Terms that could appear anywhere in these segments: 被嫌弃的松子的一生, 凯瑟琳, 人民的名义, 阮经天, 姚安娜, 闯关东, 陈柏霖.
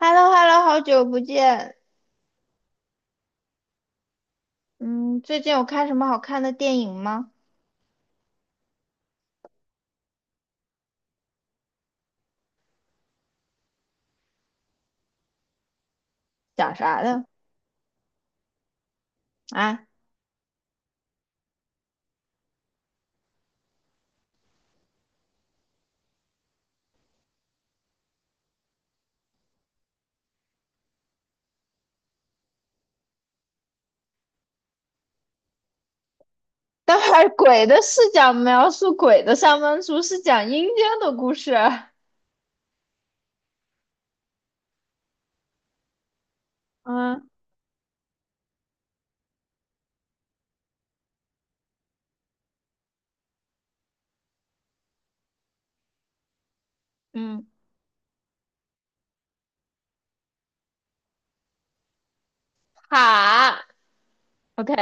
h e l l o h e l l o 好久不见。嗯，最近有看什么好看的电影吗？讲啥的啊？待会儿 鬼的视角描述鬼的上班族，是讲阴间的故事。嗯嗯，好，OK，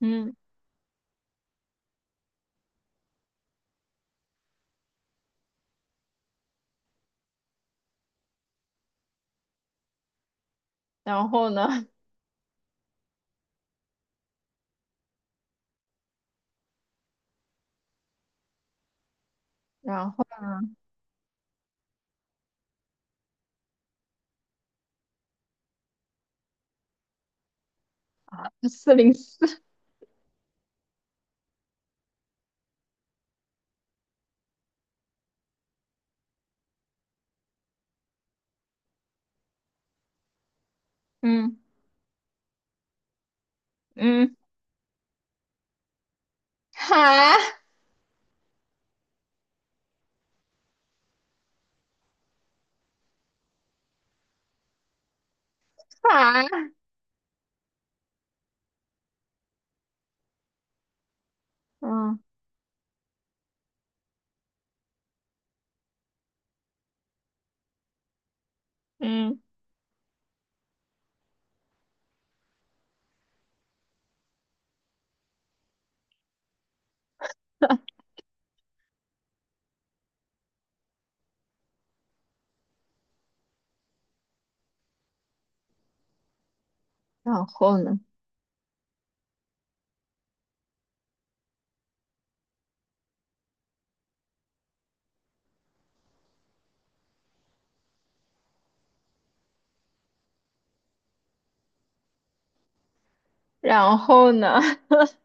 嗯，然后呢？然后呢？四零四，嗯嗯，好好，嗯嗯，然后呢？然后呢？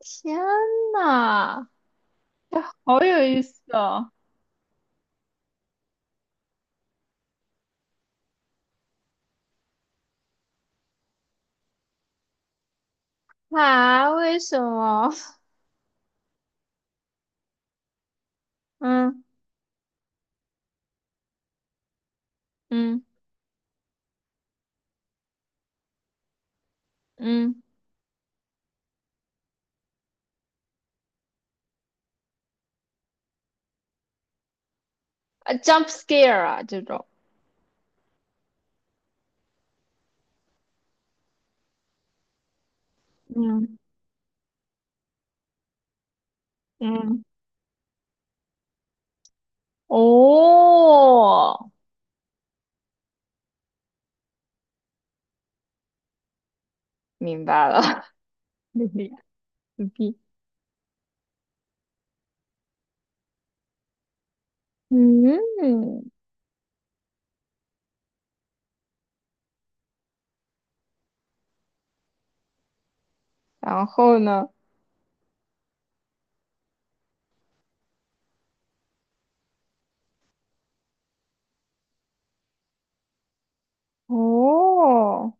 天呐，这好有意思哦！啊，为什么？嗯嗯嗯，啊，jump scare 啊，这种，嗯嗯，哦，明白了，牛逼牛逼，嗯，然后呢？哦，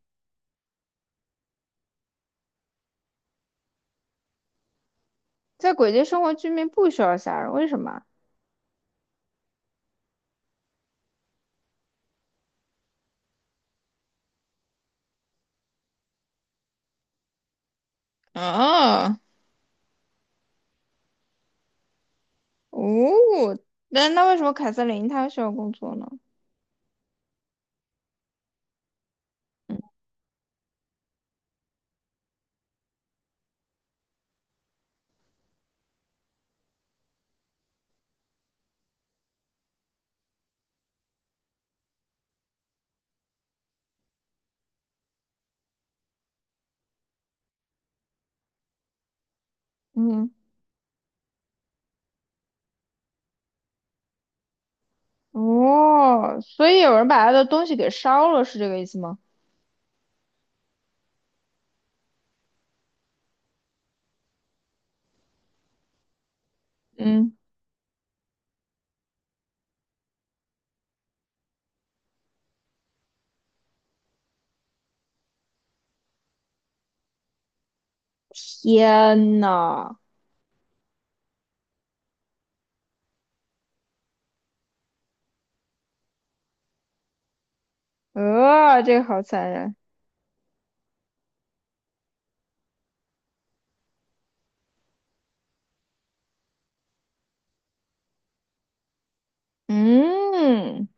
在鬼街生活，居民不需要杀人，为什么啊？啊哦，那那为什么凯瑟琳她需要工作呢？嗯，嗯哦，所以有人把她的东西给烧了，是这个意思吗？嗯。天呐，这个好残忍。嗯，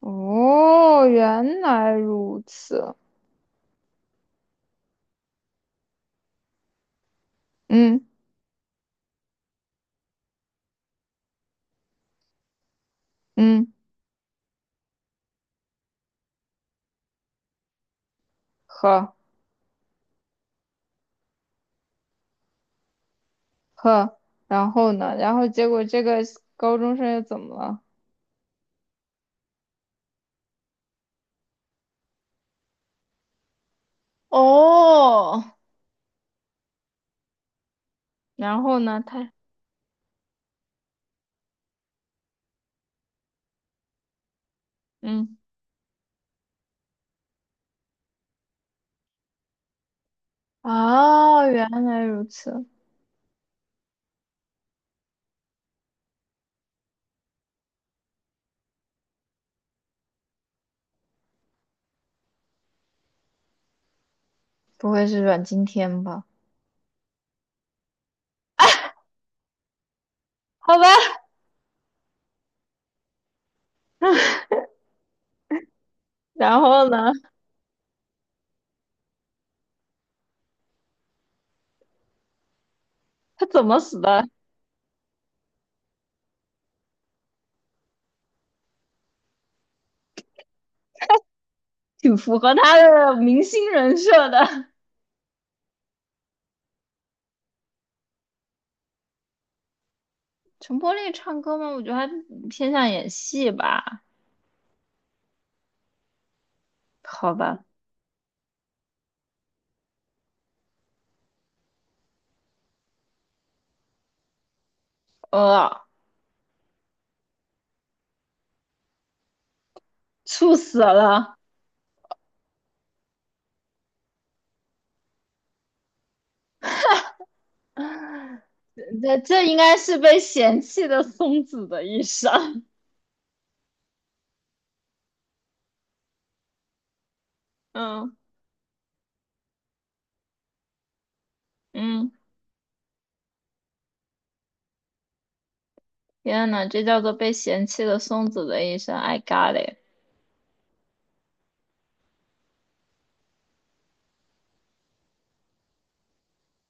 哦，原来如此。嗯嗯，呵呵，然后呢？然后结果这个高中生又怎么了？哦，然后呢？他嗯，啊，原来如此，不会是阮经天吧？好吧。然后呢？他怎么死的？挺符合他的明星人设的。陈柏霖唱歌吗？我觉得他偏向演戏吧。好吧，呃，猝死了。这这应该是被嫌弃的松子的一生。嗯嗯，天呐，这叫做被嫌弃的松子的一生。I got it。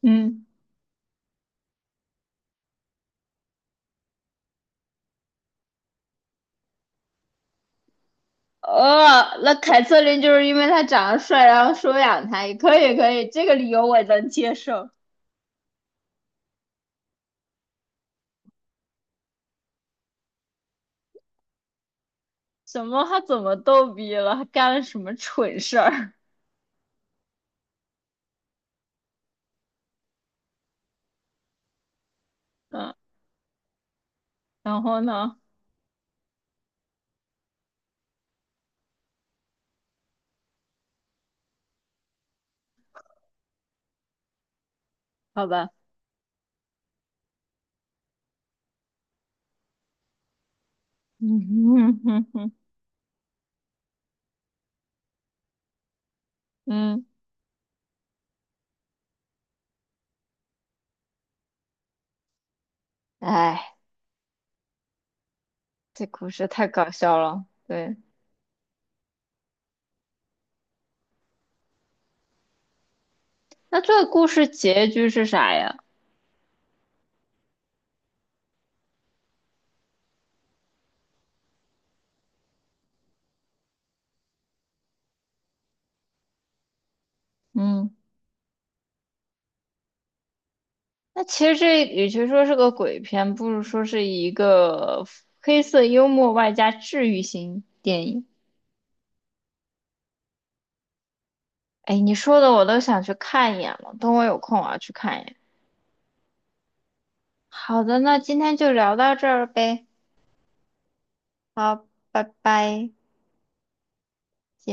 嗯，那凯瑟琳就是因为他长得帅，然后收养他，也可以可以，这个理由我能接受。什么？他怎么逗逼了？他干了什么蠢事儿？嗯，然后呢？好吧。嗯哼哼哼，嗯，哎，这故事太搞笑了。对，那这个故事结局是啥呀？嗯，那其实这与其说是个鬼片，不如说是一个黑色幽默外加治愈型电影。哎，你说的我都想去看一眼了，等我有空我要去看一眼。好的，那今天就聊到这儿呗。好，拜拜。